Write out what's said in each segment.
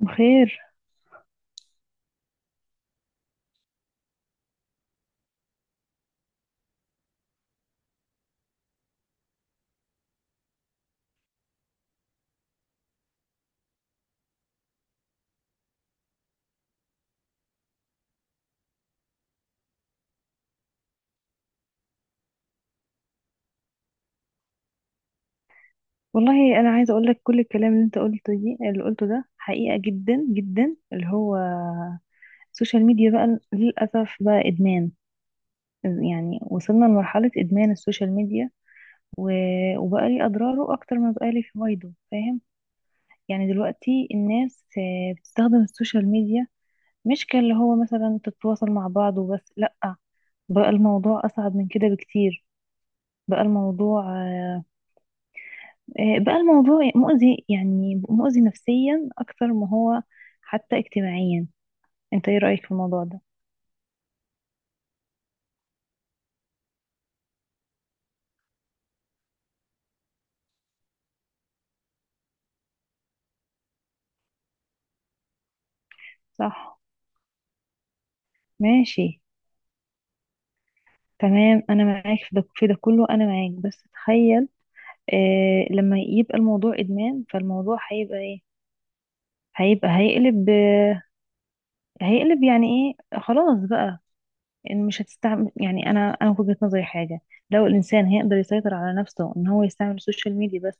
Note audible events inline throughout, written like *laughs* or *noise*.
بخير. والله انا عايزه اقول لك كل الكلام اللي انت قلته دي اللي قلته ده حقيقه جدا جدا، اللي هو السوشيال ميديا بقى للاسف بقى ادمان. يعني وصلنا لمرحله ادمان السوشيال ميديا و... وبقى لي اضراره اكتر ما بقى لي فوائده، فاهم؟ يعني دلوقتي الناس بتستخدم السوشيال ميديا، مش كاللي هو مثلا تتواصل مع بعض وبس، لا. بقى الموضوع اصعب من كده بكتير. بقى الموضوع بقى الموضوع مؤذي، يعني مؤذي نفسيا أكتر ما هو حتى اجتماعيا. أنت إيه رأيك في الموضوع ده؟ صح. ماشي. تمام. أنا معاك في ده كله، أنا معاك. بس تخيل، لما يبقى الموضوع إدمان فالموضوع هيبقى إيه؟ هيبقى، هيقلب، هيقلب، يعني إيه، خلاص بقى، ان مش هتستعمل. يعني انا في وجهة نظري حاجه، لو الانسان هيقدر يسيطر على نفسه ان هو يستعمل السوشيال ميديا بس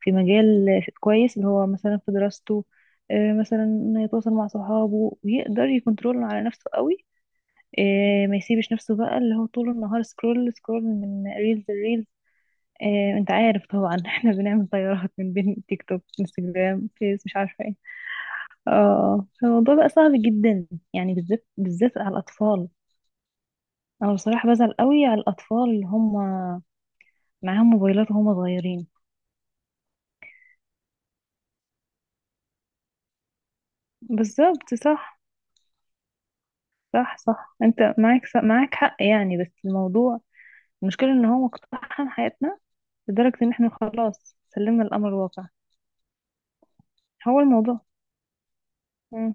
في مجال كويس، اللي هو مثلا في دراسته، مثلا انه يتواصل مع صحابه ويقدر يكنترول على نفسه قوي، ما يسيبش نفسه بقى اللي هو طول النهار سكرول سكرول من ريلز لريلز. انت عارف طبعا *laughs* احنا بنعمل طيارات من بين تيك توك، انستجرام، فيس، مش عارفه ايه. اه. فالموضوع بقى صعب جدا، يعني بالذات بالذات على الاطفال. انا بصراحة بزعل قوي على الاطفال اللي هم معاهم موبايلات وهم صغيرين. بالظبط. صح، صح، صح. انت معاك صح، معاك حق، يعني. بس الموضوع، المشكلة ان هو مقتحم حياتنا لدرجة ان احنا خلاص سلمنا الامر الواقع. هو الموضوع... مم.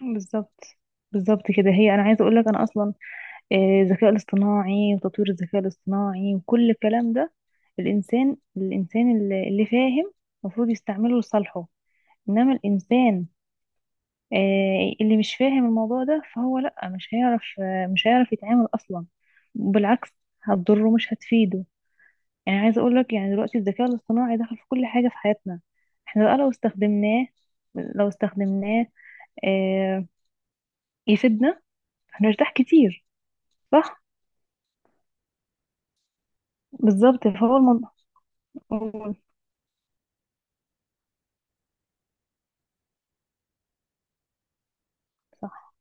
بالظبط، بالظبط كده. هي، انا عايزة اقول لك انا اصلا الذكاء الاصطناعي وتطوير الذكاء الاصطناعي وكل الكلام ده، الانسان اللي فاهم المفروض يستعمله لصالحه. انما الانسان اللي مش فاهم الموضوع ده فهو لأ، مش هيعرف، مش هيعرف يتعامل أصلا، بالعكس هتضره مش هتفيده. يعني عايزة أقولك، يعني دلوقتي الذكاء الاصطناعي دخل في كل حاجة في حياتنا، احنا بقى لو استخدمناه آه، يفيدنا، هنرتاح كتير. صح. بالظبط، فهو الموضوع... قول. صح.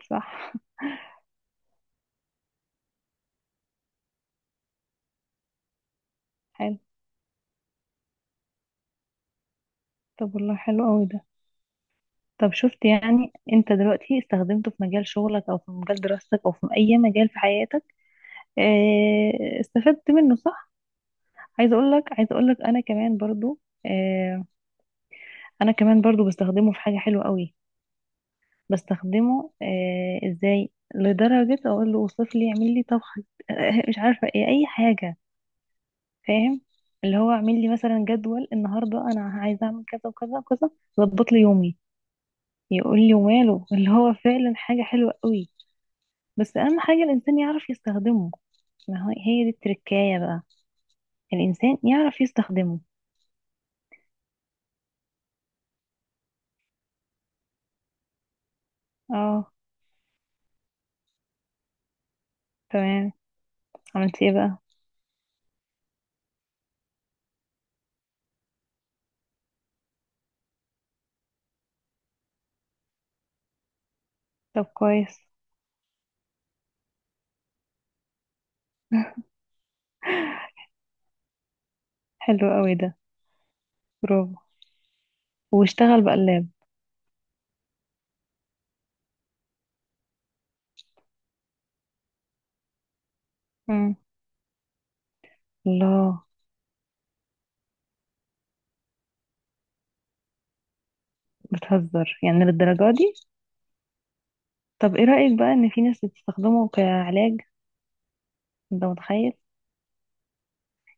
صح. *laughs* حلو. طب والله حلو قوي ده. طب شفت؟ يعني انت دلوقتي استخدمته في مجال شغلك او في مجال دراستك او في اي مجال في حياتك استفدت منه، صح. عايزه اقول لك انا كمان برضو، آه، انا كمان برضو بستخدمه في حاجه حلوه قوي. بستخدمه، ازاي؟ لدرجه اقول له وصف لي، اعمل لي طبخه *laughs* مش عارفه ايه اي حاجه، فاهم؟ اللي هو اعمل لي مثلا جدول، النهارده انا عايزه اعمل كذا وكذا وكذا، ظبط لي يومي، يقول لي، وماله، اللي هو فعلا حاجه حلوه قوي. بس اهم حاجه الانسان يعرف يستخدمه. ما هي دي التركايه بقى، الانسان يعرف يستخدمه. اه. تمام. عملت ايه بقى؟ طب كويس. حلو قوي ده. برافو. واشتغل بقلاب؟ مم. الله. بتهزر يعني للدرجة دي؟ طب ايه رأيك بقى ان في ناس بتستخدمه كعلاج؟ انت متخيل؟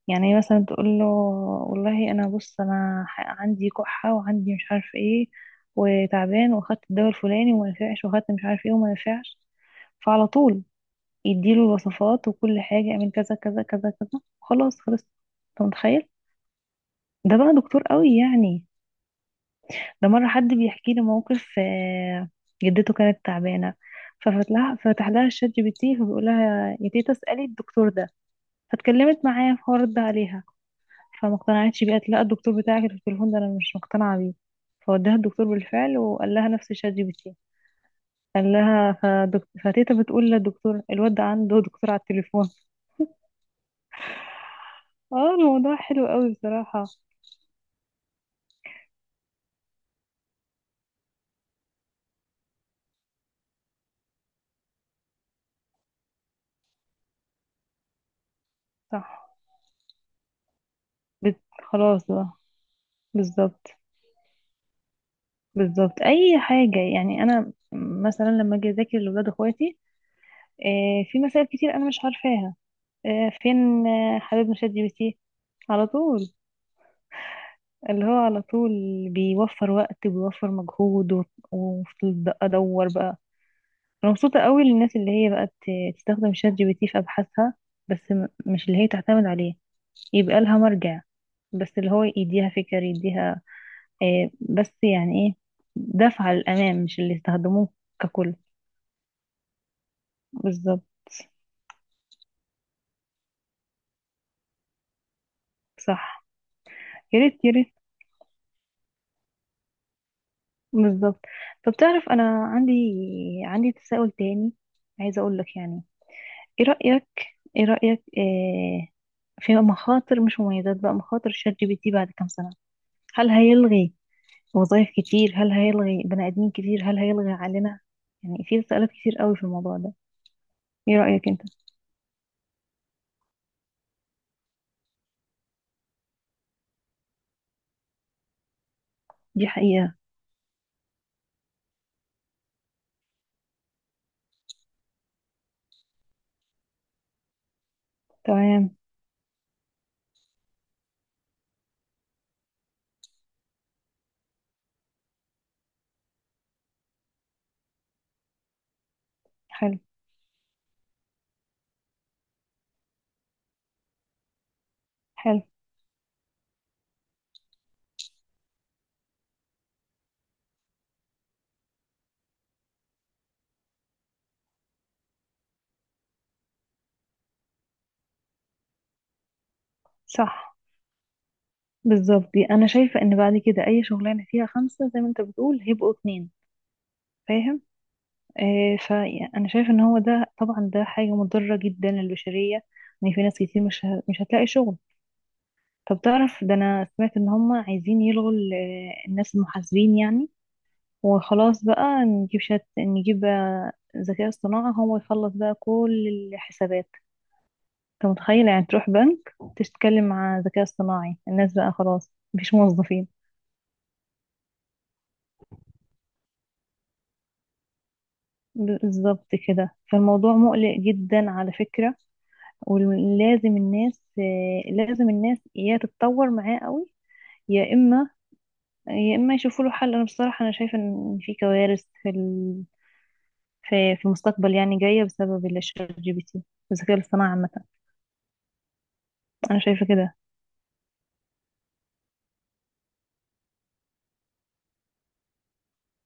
يعني إيه، مثلا تقول له، والله انا بص، انا عندي كحة، وعندي مش عارف ايه، وتعبان، واخدت الدواء الفلاني وما نفعش، واخدت مش عارف ايه وما نفعش، فعلى طول يديله الوصفات وكل حاجة، اعمل كذا كذا كذا كذا، خلاص، خلص. انت متخيل؟ ده بقى دكتور قوي يعني. ده مرة حد بيحكي لي موقف، جدته كانت تعبانة، ففتح لها الشات جي بي تي، فبيقول لها يا تيتا اسألي الدكتور ده. فاتكلمت معاه فهو رد عليها، فما اقتنعتش بيه، قالت لا الدكتور بتاعك اللي في التليفون ده انا مش مقتنعة بيه. فوداها الدكتور بالفعل، وقال لها نفس الشات جي بي تي، قال لها فتيتا بتقول للدكتور الواد ده عنده دكتور على التليفون *laughs* اه، الموضوع حلو قوي بصراحة. صح. خلاص بقى. بالظبط، بالظبط اي حاجه، يعني انا مثلا لما اجي اذاكر لاولاد اخواتي في مسائل كتير انا مش عارفاها، فين حبيبنا شات جي بي تي؟ على طول، اللي هو على طول بيوفر وقت وبيوفر مجهود وفضلت بقى ادور بقى. انا مبسوطه قوي للناس اللي هي بقت تستخدم شات جي بي تي في ابحاثها، بس مش اللي هي تعتمد عليه، يبقى لها مرجع، بس اللي هو يديها فكر، يديها، بس يعني ايه، دفعه للامام، مش اللي يستخدموه ككل. بالظبط. صح. يا ريت، يا ريت. بالظبط. طب تعرف، انا عندي، عندي تساؤل تاني، عايزه اقول لك يعني. ايه رايك؟ ايه رايك في مخاطر مش مميزات بقى، مخاطر شات جي بي تي بعد كام سنه؟ هل هيلغي وظائف كتير؟ هل هيلغي بني ادمين كتير؟ هل هيلغي علينا؟ يعني في تساؤلات كتير قوي في الموضوع ده. ايه رايك انت؟ دي حقيقه. تمام. حلو. حلو. صح. بالظبط، دي انا شايفه ان بعد كده اي شغلانه فيها خمسه زي ما انت بتقول هيبقوا اتنين، فاهم؟ آه، فانا شايف ان هو ده طبعا، ده حاجه مضره جدا للبشريه، ان في ناس كتير مش هتلاقي شغل. طب تعرف، ده انا سمعت ان هم عايزين يلغوا الناس المحاسبين يعني، وخلاص بقى نجيب شات، نجيب ذكاء اصطناعي هو يخلص بقى كل الحسابات. انت متخيل يعني تروح بنك تتكلم مع ذكاء اصطناعي؟ الناس بقى خلاص، مفيش موظفين. بالظبط كده، فالموضوع مقلق جدا على فكرة. ولازم الناس آه، لازم الناس يا تتطور معاه قوي، يا اما يا اما يشوفوا له حل. انا بصراحه، انا شايفه ان في كوارث في في المستقبل، يعني جايه بسبب الشات جي بي تي، الذكاء الاصطناعي عامه. انا شايفه كده.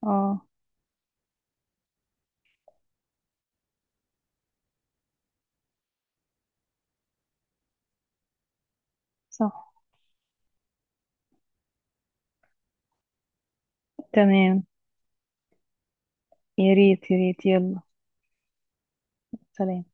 اه. صح. تمام. يا ريت، يا ريت. يلا. سلام.